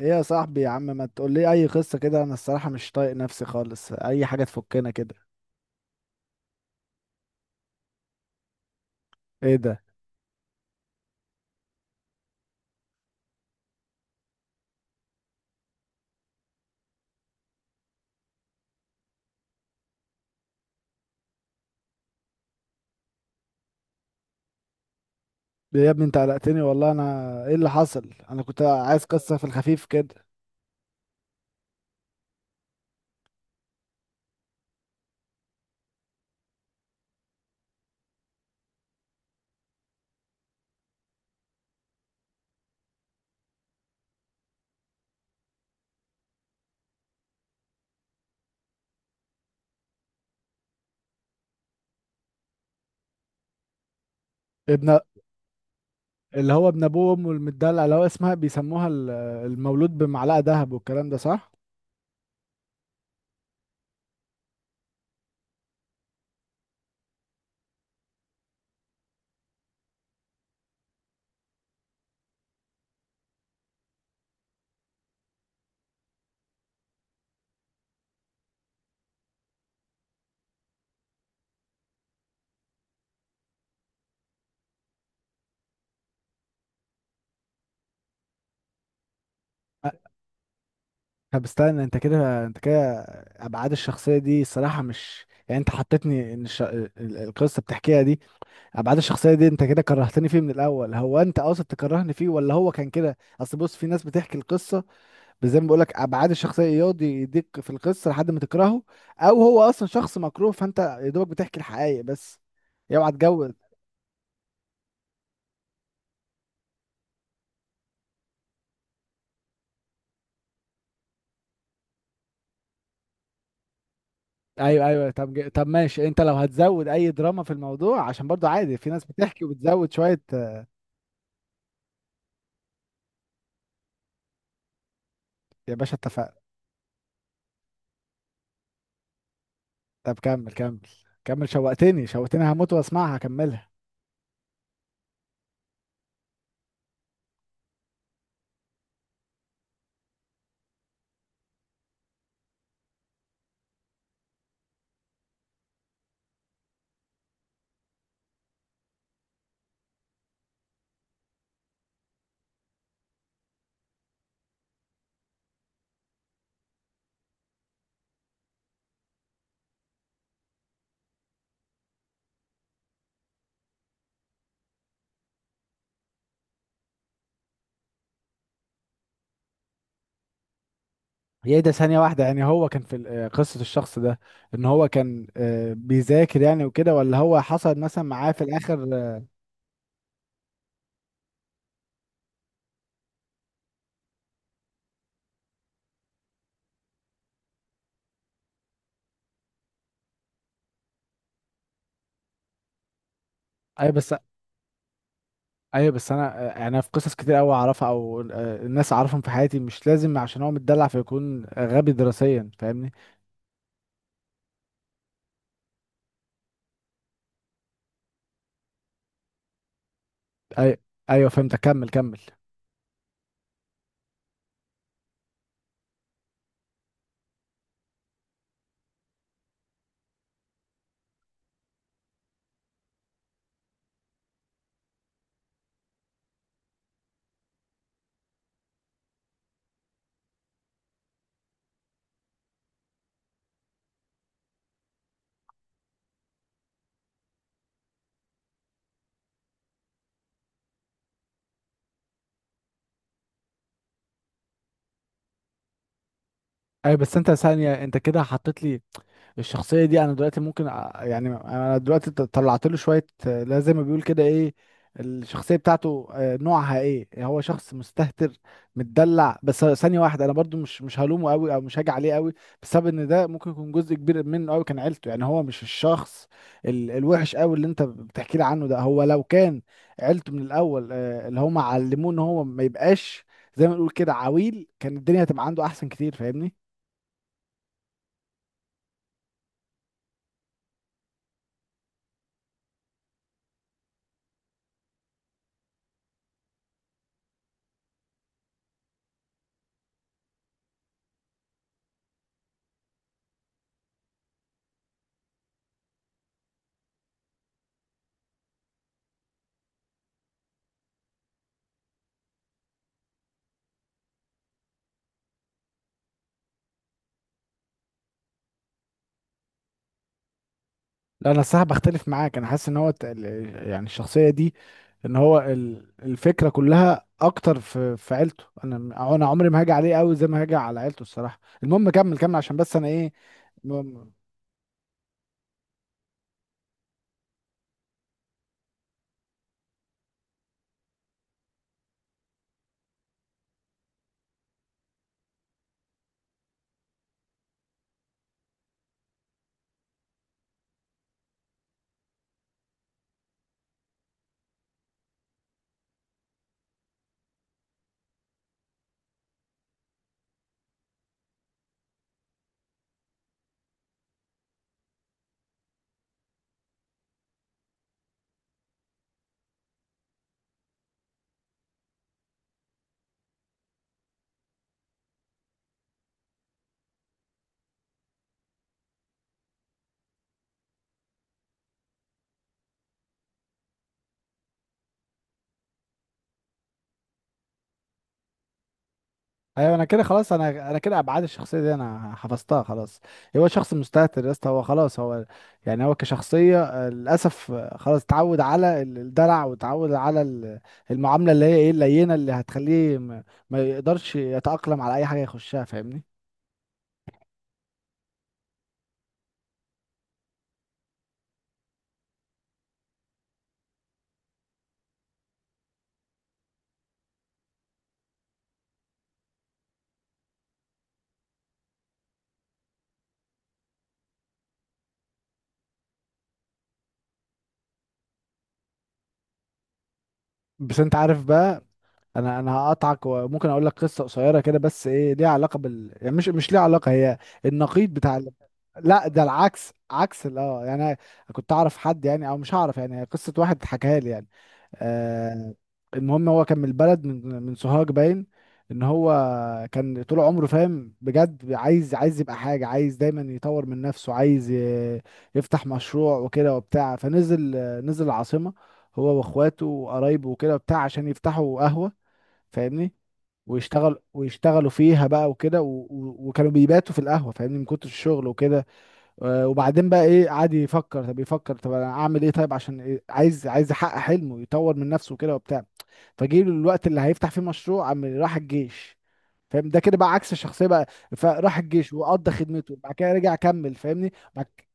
ايه يا صاحبي يا عم، ما تقول لي اي قصه كده. انا الصراحه مش طايق نفسي خالص، اي حاجه تفكنا كده. ايه ده؟ ليه يا ابني؟ انت قلقتني والله. انا ايه اللي حصل؟ انا كنت عايز قصه في الخفيف كده. ابن، اللي هو ابن ابوه وامه المدلع، اللي هو اسمها بيسموها المولود بمعلقه ذهب، والكلام ده صح. أ- طب استنى، انت كده ابعاد الشخصيه دي الصراحه مش، يعني انت حطيتني ان القصه بتحكيها دي، ابعاد الشخصيه دي انت كده كرهتني فيه من الاول. هو انت قاصد تكرهني فيه، ولا هو كان كده؟ اصل بص، في ناس بتحكي القصه، زي ما بقول لك ابعاد الشخصيه، يقعد يديك في القصه لحد ما تكرهه، او هو اصلا شخص مكروه فانت يا دوبك بتحكي الحقائق بس. اوعى تجود. ايوه ايوه، طب طب ماشي، انت لو هتزود اي دراما في الموضوع، عشان برضو عادي، في ناس بتحكي وبتزود شويه يا باشا اتفقنا. طب كمل كمل. كمل، شوقتني شوقتني، هموت واسمعها، كملها. هي ده؟ ثانية واحدة، يعني هو كان في قصة الشخص ده، ان هو كان بيذاكر يعني وكده، ولا هو حصل مثلا معاه في الاخر؟ ايوه بس، ايوه بس انا يعني انا في قصص كتير قوي اعرفها، او الناس اعرفهم في حياتي، مش لازم عشان هو متدلع فيكون غبي دراسيا، فاهمني؟ ايوه ايوه، فهمت، كمل كمل. ايوه بس انت ثانية، انت كده حطيت لي الشخصيه دي. انا دلوقتي ممكن يعني انا دلوقتي طلعت له شويه لا زي ما بيقول كده ايه، الشخصيه بتاعته نوعها ايه. هو شخص مستهتر، متدلع. بس ثانيه واحده، انا برضو مش هلومه قوي، او مش هاجي عليه قوي، بسبب ان ده ممكن يكون جزء كبير منه قوي كان عيلته. يعني هو مش الشخص الوحش قوي اللي انت بتحكي لي عنه ده. هو لو كان عيلته من الاول اللي هم علموه ان هو ما يبقاش زي ما نقول كده عويل، كان الدنيا هتبقى عنده احسن كتير، فاهمني؟ لا انا الصراحه بختلف معاك، انا حاسس ان هو يعني الشخصيه دي، ان هو الفكره كلها اكتر في عيلته. انا عمري ما هاجي عليه قوي زي ما هاجي على عيلته الصراحه. المهم كمل كمل، عشان بس انا ايه. م- م- ايوه انا كده خلاص، انا كده ابعاد الشخصيه دي انا حفظتها خلاص. هو شخص مستهتر يا اسطى، هو خلاص هو، يعني هو كشخصيه للاسف خلاص اتعود على الدلع، واتعود على المعامله اللي هي ايه، اللينه، اللي هتخليه ما يقدرش يتاقلم على اي حاجه يخشها، فاهمني؟ بس انت عارف بقى، انا هقطعك، وممكن اقول لك قصه قصيره كده، بس ايه ليها علاقه بال، يعني مش ليها علاقه، هي النقيض بتاع لا ده العكس، عكس اه يعني انا كنت اعرف حد يعني، او مش هعرف، يعني هي قصه واحد حكاها لي يعني. آه المهم هو كان من البلد، من سوهاج. باين ان هو كان طول عمره فاهم بجد، عايز يبقى حاجه، عايز دايما يطور من نفسه، عايز يفتح مشروع وكده وبتاع. فنزل، نزل العاصمه هو واخواته وقرايبه وكده بتاع، عشان يفتحوا قهوة، فاهمني؟ ويشتغل ويشتغلوا فيها بقى وكده وكانوا بيباتوا في القهوة، فاهمني، من كتر الشغل وكده. وبعدين بقى ايه، قعد يفكر، طب يفكر طب انا اعمل ايه، طيب عشان إيه؟ عايز يحقق حلمه، يطور من نفسه وكده وبتاع. فجه له الوقت اللي هيفتح فيه مشروع، عم راح الجيش. فاهم ده كده بقى عكس الشخصية بقى. فراح الجيش وقضى خدمته، بعد كده رجع كمل فاهمني.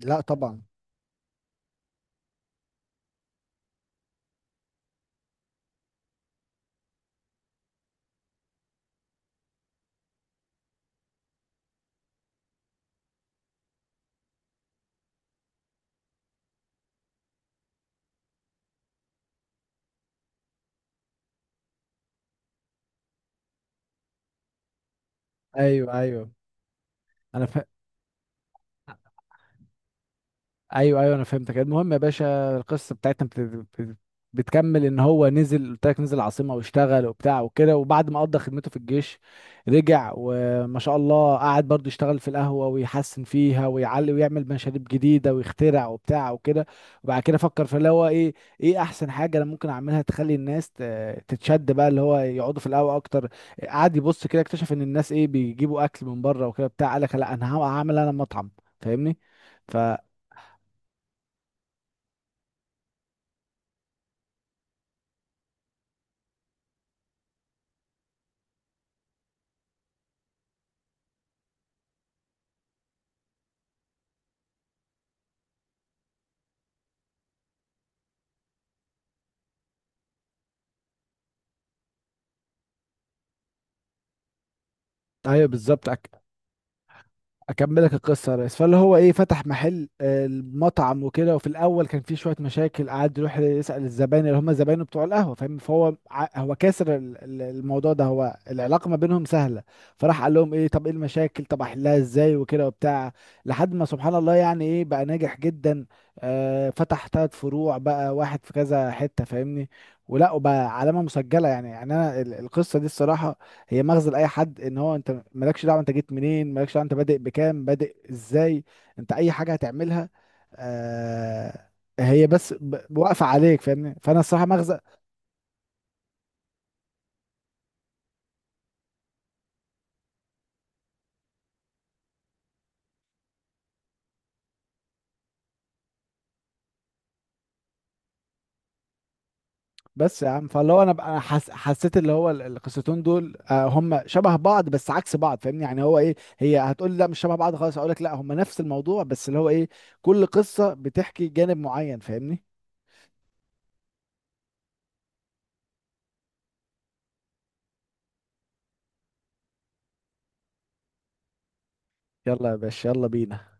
لا طبعا. ايوه ايوه. انا فا... ايوه ايوه انا فهمتك. المهم يا باشا، القصه بتاعتنا بت- بتكمل ان هو نزل، قلت لك نزل العاصمه واشتغل وبتاع وكده، وبعد ما قضى خدمته في الجيش رجع، وما شاء الله، قعد برضه يشتغل في القهوه ويحسن فيها ويعلي ويعمل مشاريب جديده ويخترع وبتاع وكده. وبعد كده فكر في اللي هو ايه، ايه احسن حاجه انا ممكن اعملها تخلي الناس تتشد بقى، اللي هو يقعدوا في القهوه اكتر. قعد يبص كده، اكتشف ان الناس ايه، بيجيبوا اكل من بره وكده بتاع. قال لك لا، انا هعمل انا مطعم، فاهمني؟ ف ايوه بالظبط. اكملك القصه يا ريس. فاللي هو ايه، فتح محل المطعم وكده. وفي الاول كان فيه شويه مشاكل، قعد يروح يسال الزباين، اللي هم زباينه بتوع القهوه، فاهم؟ فهو هو كاسر الموضوع ده، هو العلاقه ما بينهم سهله. فراح قال لهم ايه، طب ايه المشاكل، طب احلها ازاي وكده وبتاع. لحد ما سبحان الله، يعني ايه، بقى ناجح جدا. آه، فتح ثلاث فروع بقى، واحد في كذا حته، فاهمني؟ ولا وبقى علامه مسجله يعني. يعني انا القصه دي الصراحه هي مغزى لاي حد، ان هو انت مالكش دعوه انت جيت منين، مالكش دعوه انت بادئ بكام، بادئ ازاي، انت اي حاجه هتعملها، آه، هي بس واقفه عليك، فاهمني؟ فانا الصراحه مغزى. بس يا عم، فاللي هو انا بقى، أنا حسيت اللي هو القصتين دول آه هم شبه بعض بس عكس بعض، فاهمني؟ يعني هو ايه، هي هتقول لي لا مش شبه بعض خالص، اقول لك لا هم نفس الموضوع، بس اللي هو ايه، كل قصه بتحكي جانب معين، فاهمني؟ يلا يا باشا، يلا بينا.